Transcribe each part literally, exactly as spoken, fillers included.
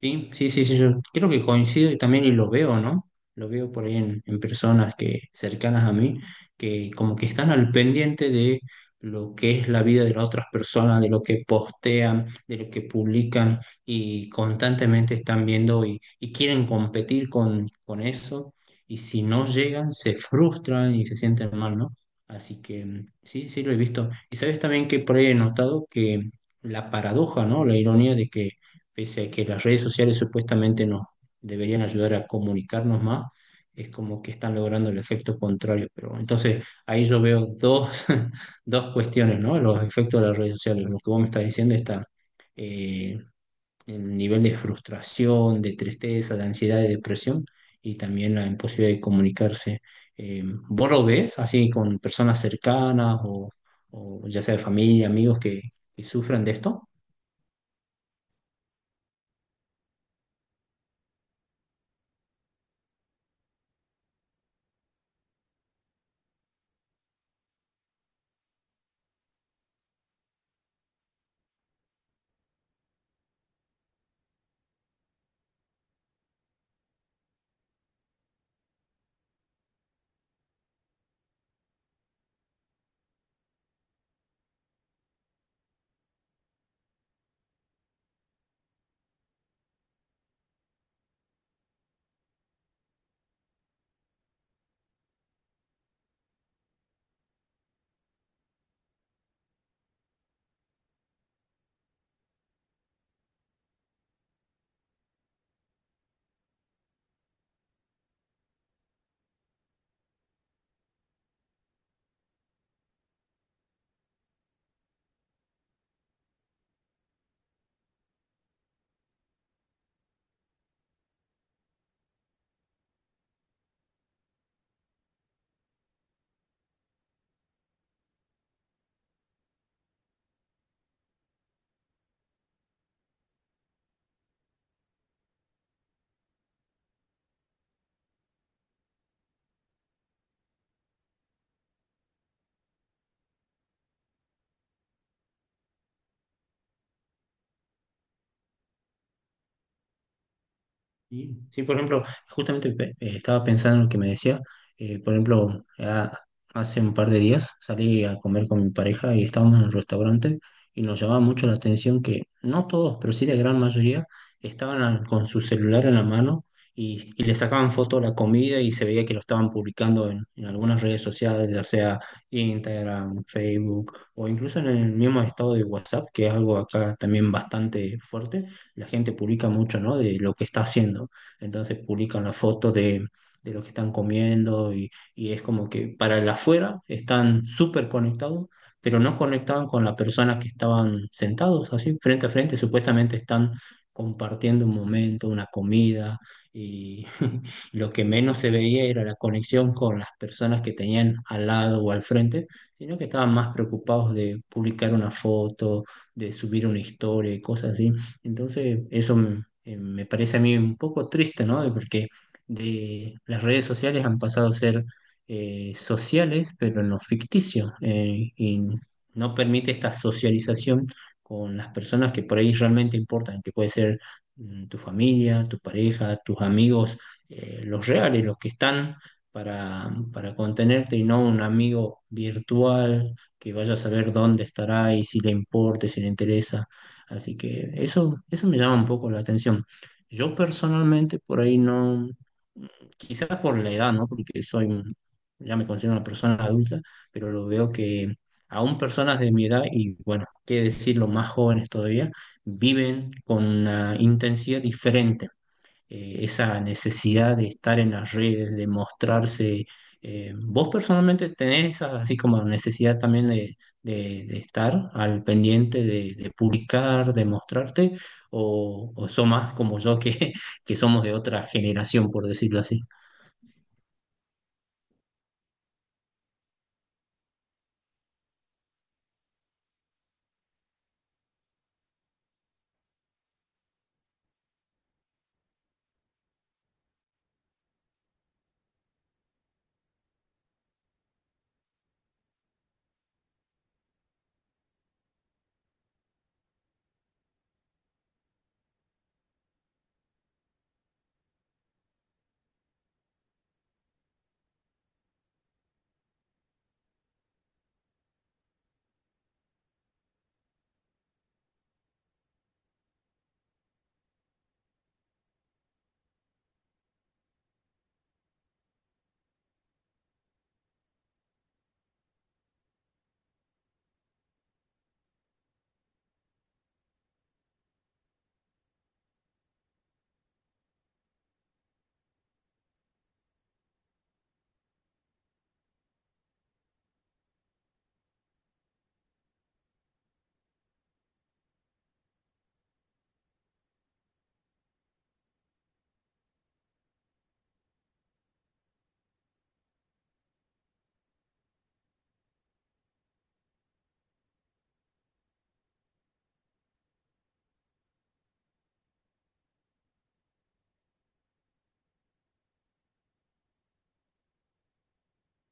Sí, sí, sí, sí, yo creo que coincido y también y lo veo, ¿no? Lo veo por ahí en, en personas que cercanas a mí, que como que están al pendiente de lo que es la vida de las otras personas, de lo que postean, de lo que publican y constantemente están viendo y, y quieren competir con, con eso y si no llegan se frustran y se sienten mal, ¿no? Así que mm, sí, sí lo he visto. Y sabes también que por ahí he notado que la paradoja, ¿no? La ironía de que pese a que las redes sociales supuestamente nos deberían ayudar a comunicarnos más, es como que están logrando el efecto contrario. Pero bueno, entonces ahí yo veo dos, dos cuestiones, ¿no? Los efectos de las redes sociales. Lo que vos me estás diciendo está eh, el nivel de frustración, de tristeza, de ansiedad, de depresión y también la imposibilidad de comunicarse. Eh, ¿Vos lo ves así con personas cercanas o, o ya sea de familia, amigos que, que sufran de esto? Sí, sí, por ejemplo, justamente eh, estaba pensando en lo que me decía. Eh, por ejemplo, ya hace un par de días salí a comer con mi pareja y estábamos en un restaurante y nos llamaba mucho la atención que no todos, pero sí la gran mayoría, estaban al- con su celular en la mano y, y le sacaban fotos a la comida y se veía que lo estaban publicando en, en algunas redes sociales, ya sea Instagram, Facebook o incluso en el mismo estado de WhatsApp, que es algo acá también bastante fuerte, la gente publica mucho, ¿no? De lo que está haciendo. Entonces publican la foto de, de lo que están comiendo y, y es como que para el afuera están súper conectados, pero no conectaban con las personas que estaban sentados así, frente a frente. Supuestamente están compartiendo un momento, una comida y lo que menos se veía era la conexión con las personas que tenían al lado o al frente, sino que estaban más preocupados de publicar una foto, de subir una historia y cosas así. Entonces, eso me, eh, me parece a mí un poco triste, ¿no? Porque de, las redes sociales han pasado a ser eh, sociales, pero en lo ficticio, eh, y no permite esta socialización con las personas que por ahí realmente importan, que puede ser mm, tu familia, tu pareja, tus amigos, eh, los reales, los que están para, para contenerte y no un amigo virtual que vaya a saber dónde estará y si le importa, si le interesa. Así que eso, eso me llama un poco la atención. Yo personalmente por ahí no, quizás por la edad, ¿no? Porque soy, un- ya me considero una persona adulta, pero lo veo que aún personas de mi edad, y bueno, qué decirlo, más jóvenes todavía, viven con una intensidad diferente, eh, esa necesidad de estar en las redes, de mostrarse. Eh, ¿vos personalmente tenés esa, así como necesidad también de, de- de estar al pendiente, de, de publicar, de mostrarte? ¿O, o sos más como yo que, que somos de otra generación, por decirlo así?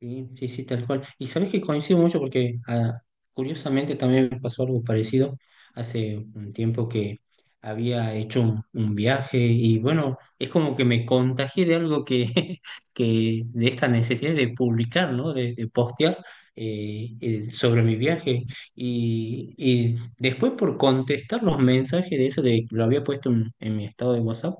Sí, sí, sí, tal cual. Y sabes que coincido mucho porque ah, curiosamente también me pasó algo parecido hace un tiempo que había hecho un, un viaje y bueno, es como que me contagié de algo que, que de esta necesidad de publicar, ¿no? De, de postear eh, eh, sobre mi viaje. Y, y después por contestar los mensajes de eso, de que lo había puesto en en mi estado de WhatsApp,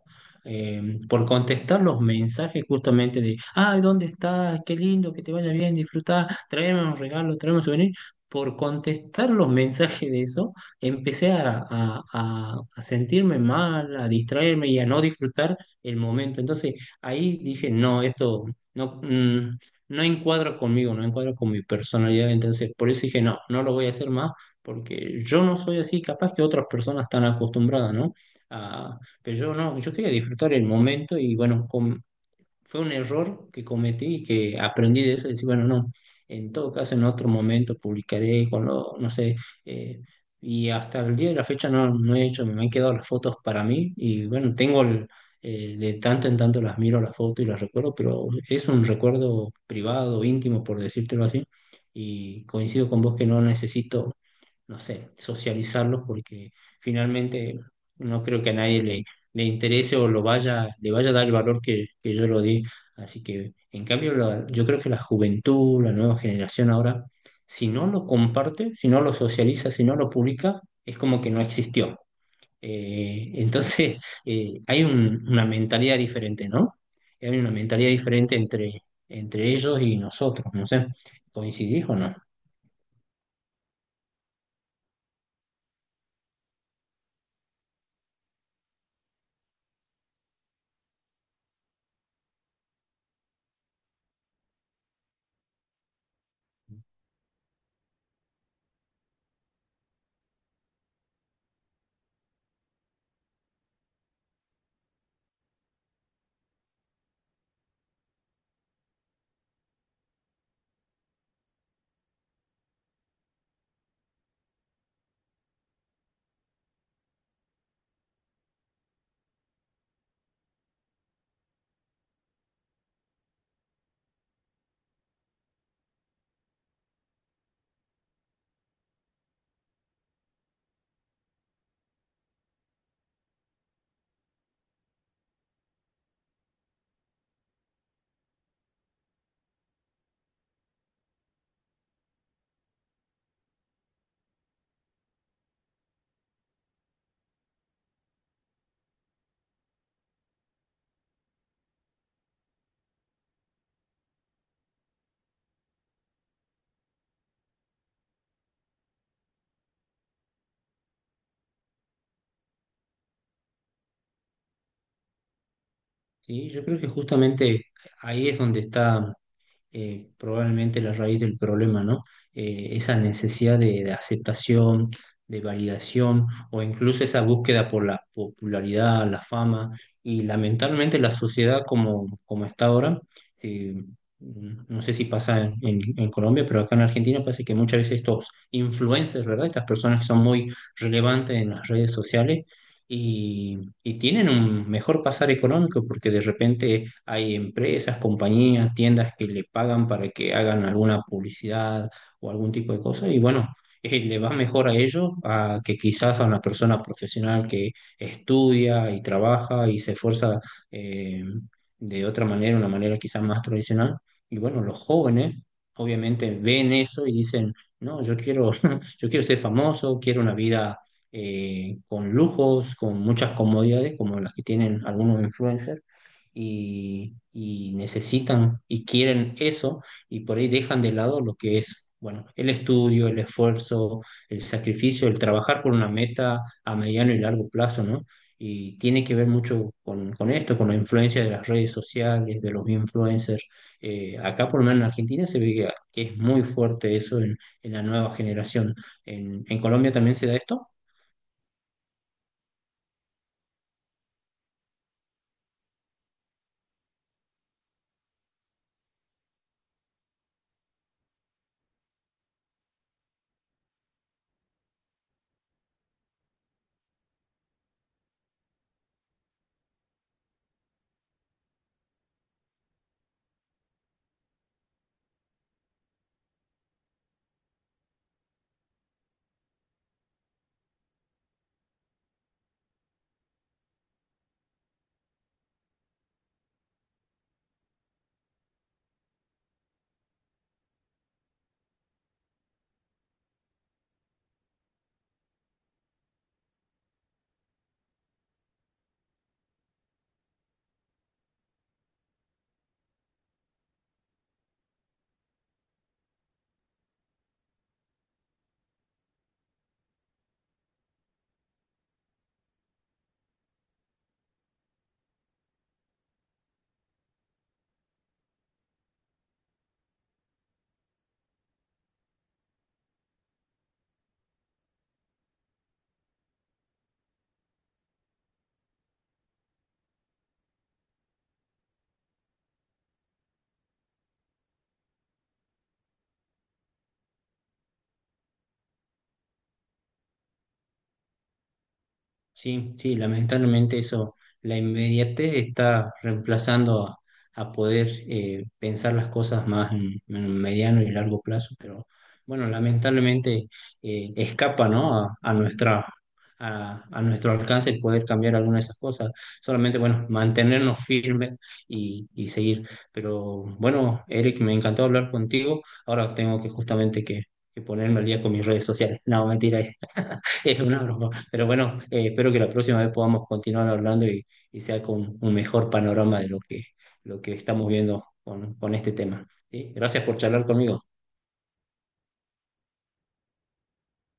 eh, por contestar los mensajes justamente de, ay, ¿dónde estás? Qué lindo, que te vaya bien, disfrutar, traerme un regalo, traerme un souvenir. Por contestar los mensajes de eso, empecé a, a- a- a sentirme mal, a distraerme y a no disfrutar el momento. Entonces ahí dije, no, esto no, mm, no encuadra conmigo, no encuadra con mi personalidad. Entonces por eso dije, no, no lo voy a hacer más, porque yo no soy así, capaz que otras personas están acostumbradas, ¿no? Que yo no, yo quería disfrutar el momento y bueno, com- fue un error que cometí y que aprendí de eso, decir, bueno, no, en todo caso en otro momento publicaré cuando, no sé, eh, y hasta el día de la fecha no, no he hecho, me han quedado las fotos para mí y bueno, tengo el, eh, de tanto en tanto las miro las fotos y las recuerdo, pero es un recuerdo privado, íntimo, por decírtelo así, y coincido con vos que no necesito, no sé, socializarlos porque finalmente no creo que a nadie le, le interese o lo vaya, le vaya a dar el valor que, que yo lo di. Así que, en cambio, la- yo creo que la juventud, la nueva generación ahora, si no lo comparte, si no lo socializa, si no lo publica, es como que no existió. Eh, entonces, eh, hay un- una mentalidad diferente, ¿no? Hay una mentalidad diferente entre, entre ellos y nosotros, no sé, ¿coincidís o no? Sí, yo creo que justamente ahí es donde está eh, probablemente la raíz del problema, ¿no? Eh, esa necesidad de, de aceptación, de validación o incluso esa búsqueda por la popularidad, la fama y lamentablemente la sociedad como, como está ahora, eh, no sé si pasa en, en- en Colombia, pero acá en Argentina parece que muchas veces estos influencers, ¿verdad? Estas personas que son muy relevantes en las redes sociales y tienen un mejor pasar económico porque de repente hay empresas, compañías, tiendas que le pagan para que hagan alguna publicidad o algún tipo de cosa y bueno, eh, le va mejor a ellos a que quizás a una persona profesional que estudia y trabaja y se esfuerza, eh, de otra manera, una manera quizás más tradicional. Y bueno, los jóvenes obviamente ven eso y dicen, no, yo quiero, yo quiero ser famoso, quiero una vida eh, con lujos, con muchas comodidades, como las que tienen algunos influencers, y, y necesitan y quieren eso, y por ahí dejan de lado lo que es, bueno, el estudio, el esfuerzo, el sacrificio, el trabajar por una meta a mediano y largo plazo, ¿no? Y tiene que ver mucho con, con esto, con la influencia de las redes sociales, de los influencers. Eh, acá, por lo menos en Argentina, se ve que, que es muy fuerte eso en, en la nueva generación. ¿En, en Colombia también se da esto? Sí, sí, lamentablemente eso, la inmediatez está reemplazando a, a poder eh, pensar las cosas más en, en un mediano y largo plazo, pero bueno, lamentablemente eh, escapa, ¿no? A, a nuestra, a, a nuestro alcance el poder cambiar alguna de esas cosas, solamente, bueno, mantenernos firmes y, y seguir. Pero bueno, Eric, me encantó hablar contigo, ahora tengo que justamente que, que ponerme al día con mis redes sociales. No, mentira, es una broma. Pero bueno, eh, espero que la próxima vez podamos continuar hablando y, y sea con un mejor panorama de lo que, lo que estamos viendo con, con este tema. ¿Sí? Gracias por charlar conmigo.